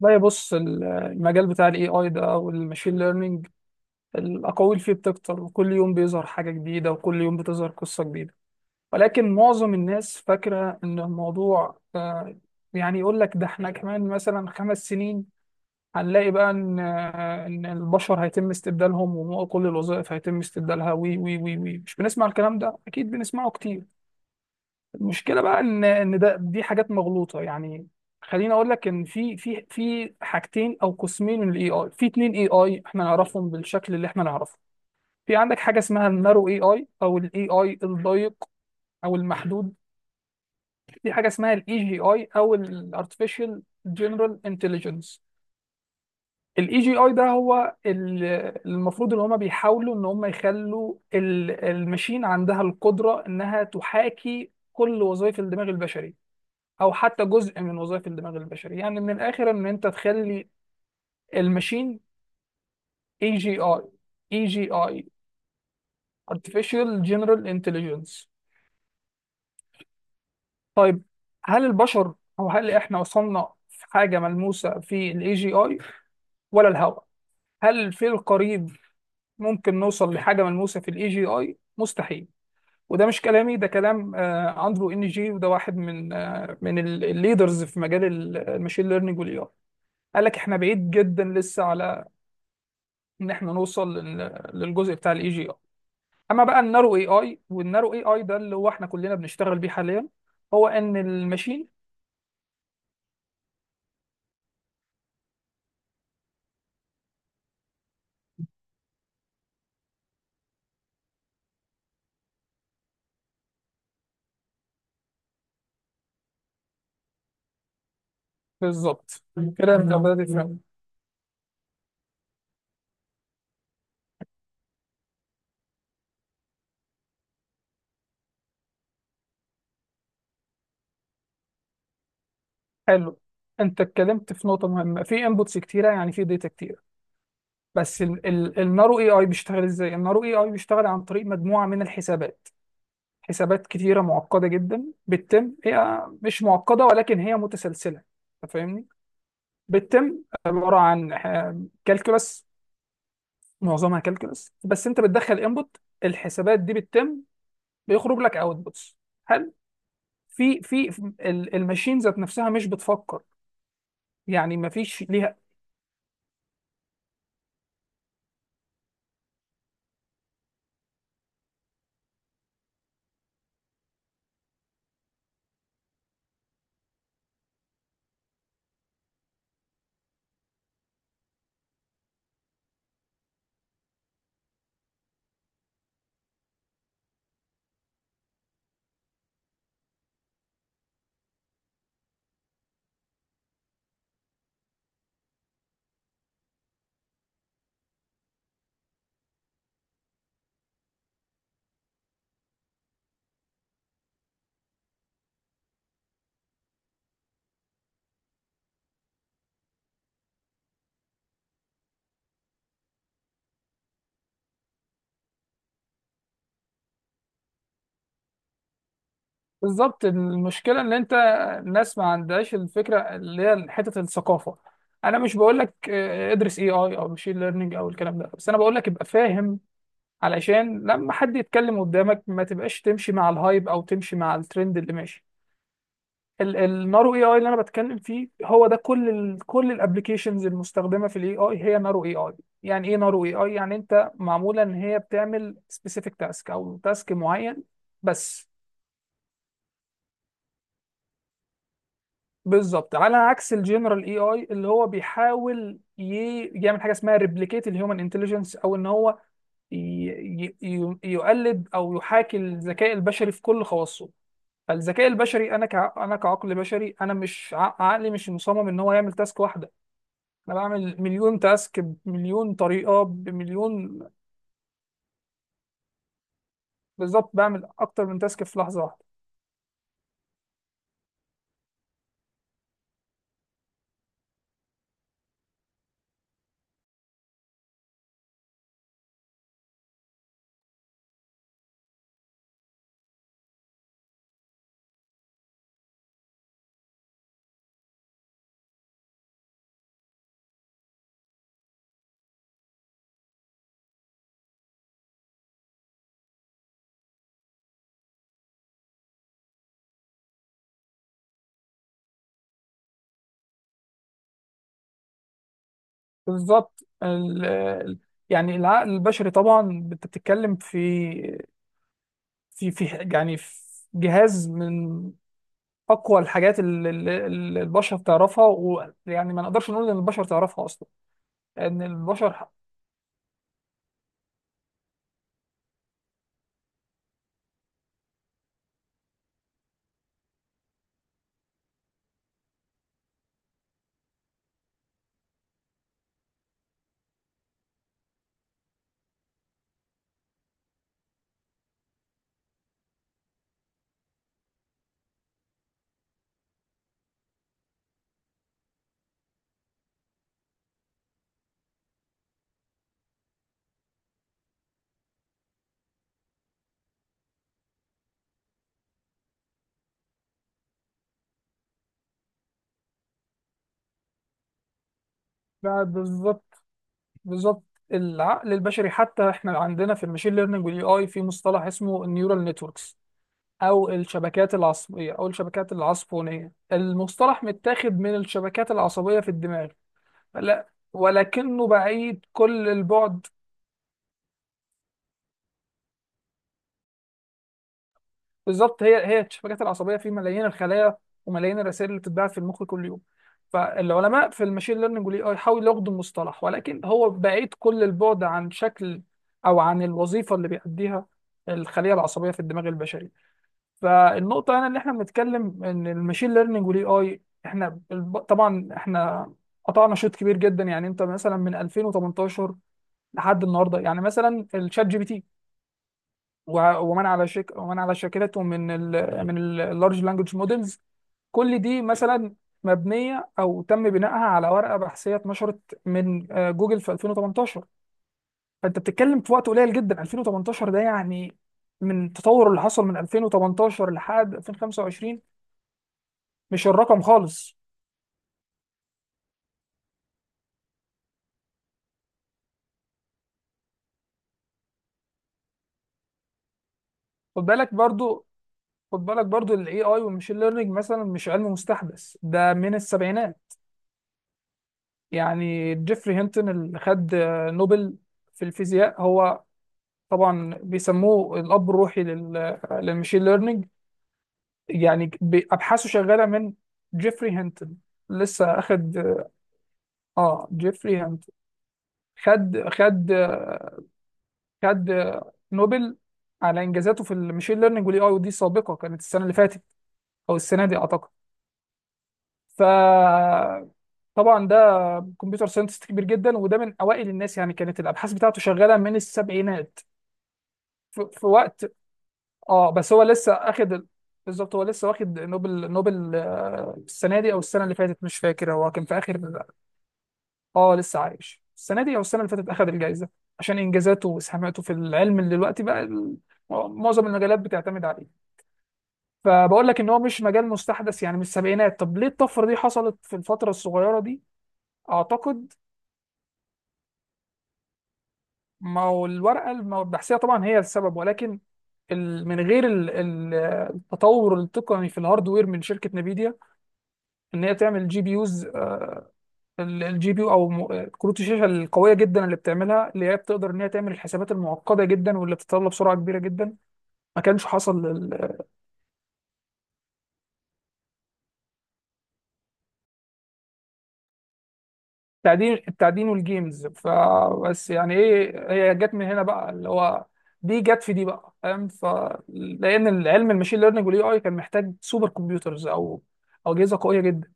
لا، بص. المجال بتاع الاي اي ده والماشين ليرنينج، الاقاويل فيه بتكتر، وكل يوم بيظهر حاجه جديده وكل يوم بتظهر قصه جديده. ولكن معظم الناس فاكره ان الموضوع يعني، يقول لك ده احنا كمان مثلا خمس سنين هنلاقي بقى ان البشر هيتم استبدالهم وكل الوظائف هيتم استبدالها، وي وي وي وي، مش بنسمع الكلام ده؟ اكيد بنسمعه كتير. المشكله بقى ان ده دي حاجات مغلوطه يعني. خليني اقول لك ان في حاجتين او قسمين من الاي اي. في اتنين اي اي احنا نعرفهم بالشكل اللي احنا نعرفه. في عندك حاجه اسمها النارو اي اي، او الاي اي الضيق، او المحدود. في حاجه اسمها الاي جي اي، او الارتفيشال جنرال انتليجنس. الاي جي اي ده هو المفروض ان هم بيحاولوا ان هم يخلوا الماشين عندها القدره انها تحاكي كل وظائف الدماغ البشري، او حتى جزء من وظائف الدماغ البشري. يعني من الاخر، ان انت تخلي الماشين اي جي اي. اي جي اي. artificial general intelligence. طيب، هل البشر، او هل احنا وصلنا في حاجه ملموسه في الاي جي اي ولا الهوى؟ هل في القريب ممكن نوصل لحاجه ملموسه في الاي جي اي؟ مستحيل. وده مش كلامي، ده كلام اندرو ان جي، وده واحد من الليدرز في مجال الماشين ليرنينج والاي اي. قال لك احنا بعيد جدا لسه على ان احنا نوصل للجزء بتاع الاي جي اي. اما بقى النارو اي اي، والنارو اي اي ده اللي هو احنا كلنا بنشتغل بيه حاليا، هو ان الماشين. بالظبط، كده انت بدأت تفهم. حلو. انت اتكلمت في نقطه مهمه، في انبوتس كتيره، يعني في داتا كتيره. بس النارو اي اي بيشتغل ازاي؟ النارو اي اي بيشتغل عن طريق مجموعه من الحسابات، حسابات كتيره معقده جدا بتتم. هي مش معقده ولكن هي متسلسله. أنت فاهمني؟ بتتم، عباره عن كالكولس، معظمها كالكولس. بس انت بتدخل انبوت، الحسابات دي بتتم، بيخرج لك اوتبوتس. هل في الماشين ذات نفسها مش بتفكر؟ يعني ما فيش ليها. بالظبط، المشكله ان انت، الناس ما عندهاش الفكره، اللي هي حته الثقافه. انا مش بقول لك ادرس اي اي او ماشين ليرنينج او الكلام ده، بس انا بقول لك ابقى فاهم، علشان لما حد يتكلم قدامك ما تبقاش تمشي مع الهايب او تمشي مع الترند اللي ماشي. النارو اي اي اللي انا بتكلم فيه هو ده. كل الابلكيشنز المستخدمه في الاي اي هي نارو اي اي. يعني ايه نارو اي اي؟ يعني انت معموله ان هي بتعمل سبيسيفيك تاسك، او تاسك معين بس. بالظبط، على عكس الجنرال اي اي اللي هو بيحاول يعمل حاجه اسمها ريبليكيت الهيومن انتليجنس، او ان هو ي- يقلد او يحاكي الذكاء البشري في كل خواصه. فالذكاء البشري، انا كعقل بشري، انا مش ع- عقلي مش مصمم ان هو يعمل تاسك واحده. انا بعمل مليون تاسك بمليون طريقه بمليون. بالظبط، بعمل اكتر من تاسك في لحظه واحده. بالظبط، يعني العقل البشري، طبعا انت بتتكلم في في في يعني في جهاز من اقوى الحاجات، اللي البشر تعرفها، ويعني ما نقدرش نقول ان البشر تعرفها اصلا، لان البشر بقى. بالظبط. بالظبط. العقل البشري، حتى احنا عندنا في الماشين ليرنينج والاي اي في مصطلح اسمه النيورال نتوركس، أو الشبكات العصبية، أو الشبكات العصبونية. المصطلح متاخد من الشبكات العصبية في الدماغ. لا، ولكنه بعيد كل البعد. بالظبط، هي هي الشبكات العصبية في ملايين الخلايا، وملايين الرسائل اللي بتتبعت في المخ كل يوم. فالعلماء في الماشين ليرنينج والاي اي حاولوا ياخدوا المصطلح، ولكن هو بعيد كل البعد عن شكل، أو عن الوظيفة اللي بيأديها الخلية العصبية في الدماغ البشري. فالنقطة هنا اللي احنا بنتكلم، ان الماشين ليرنينج والاي اي، احنا طبعا احنا قطعنا شوط كبير جدا. يعني انت مثلا من 2018 لحد النهارده، يعني مثلا الشات جي بي تي ومن على شاكلته، من ال من اللارج لانجوج مودلز، كل دي مثلا مبنية او تم بنائها على ورقة بحثية اتنشرت من جوجل في 2018. فانت بتتكلم في وقت قليل جدا. 2018 ده يعني، من التطور اللي حصل من 2018 لحد 2025، مش الرقم خالص. خد بالك برضو، خد بالك برضو، الاي اي والماشين ليرنينج مثلا مش علم مستحدث، ده من السبعينات. يعني جيفري هينتون اللي خد نوبل في الفيزياء، هو طبعا بيسموه الاب الروحي للماشين ليرنينج. يعني ابحاثه شغاله من. جيفري هينتون، لسه اخد. اه، جيفري هينتون خد خد خد نوبل على انجازاته في الماشين ليرنينج والاي اي، ودي سابقه. كانت السنه اللي فاتت، او السنه دي اعتقد. فطبعا ده كمبيوتر ساينتست كبير جدا، وده من اوائل الناس. يعني كانت الابحاث بتاعته شغاله من السبعينات. في, في وقت. اه، بس هو لسه اخد بالظبط. هو لسه واخد نوبل، السنه دي او السنه اللي فاتت، مش فاكر. هو كان في اخر. اه، لسه عايش. السنه دي او السنه اللي فاتت اخد الجائزه، عشان انجازاته واسهاماته في العلم اللي دلوقتي بقى معظم المجالات بتعتمد عليه. فبقول لك ان هو مش مجال مستحدث، يعني من السبعينات. طب ليه الطفره دي حصلت في الفتره الصغيره دي؟ اعتقد، ما هو الورقة البحثية طبعا هي السبب، ولكن من غير التطور التقني في الهاردوير من شركة نفيديا، ان هي تعمل جي بي يوز. الجي بي يو، او كروت الشاشة القوية جدا اللي بتعملها، اللي هي بتقدر ان هي تعمل الحسابات المعقدة جدا واللي بتتطلب سرعة كبيرة جدا، ما كانش حصل. التعدين، والجيمز فبس. يعني ايه، هي جت من هنا بقى، اللي هو دي جت في دي، بقى فاهم؟ لان العلم الماشين ليرنينج والاي اي كان محتاج سوبر كمبيوترز، او اجهزه قويه جدا.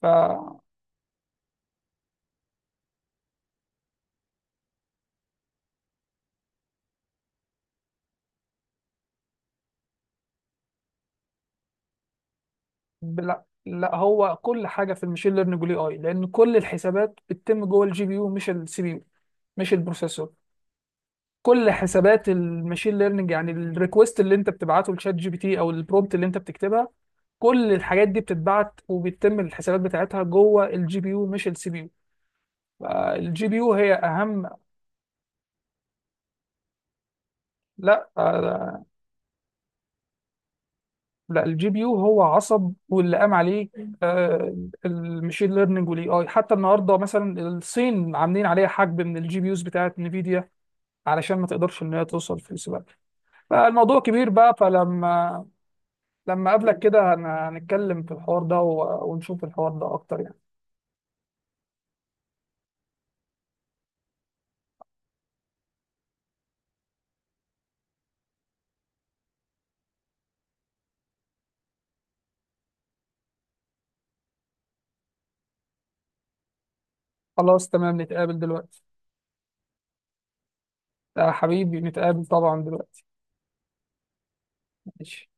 ف لا، لا، هو كل حاجه في الماشين ليرنينج والاي اي، لان كل الحسابات بتتم جوه الجي بي يو، مش السي بي يو، مش البروسيسور. كل حسابات الماشين ليرنينج، يعني الريكوست اللي انت بتبعته لشات جي بي تي، او البرومبت اللي انت بتكتبها، كل الحاجات دي بتتبعت وبيتم الحسابات بتاعتها جوه الجي بي يو، مش السي بي يو. الجي بي يو هي اهم. لا، لا، الجي بي يو هو عصب، واللي قام عليه آه، المشين ليرنينج والاي اي. حتى النهارده مثلا، الصين عاملين عليها حجب من الجي بي يوز بتاعت نفيديا، علشان ما تقدرش ان هي توصل في السباق. فالموضوع كبير بقى. لما اقابلك كده هنتكلم في الحوار ده، ونشوف الحوار ده اكتر يعني. خلاص تمام، نتقابل دلوقتي. يا حبيبي، نتقابل طبعا دلوقتي. ماشي.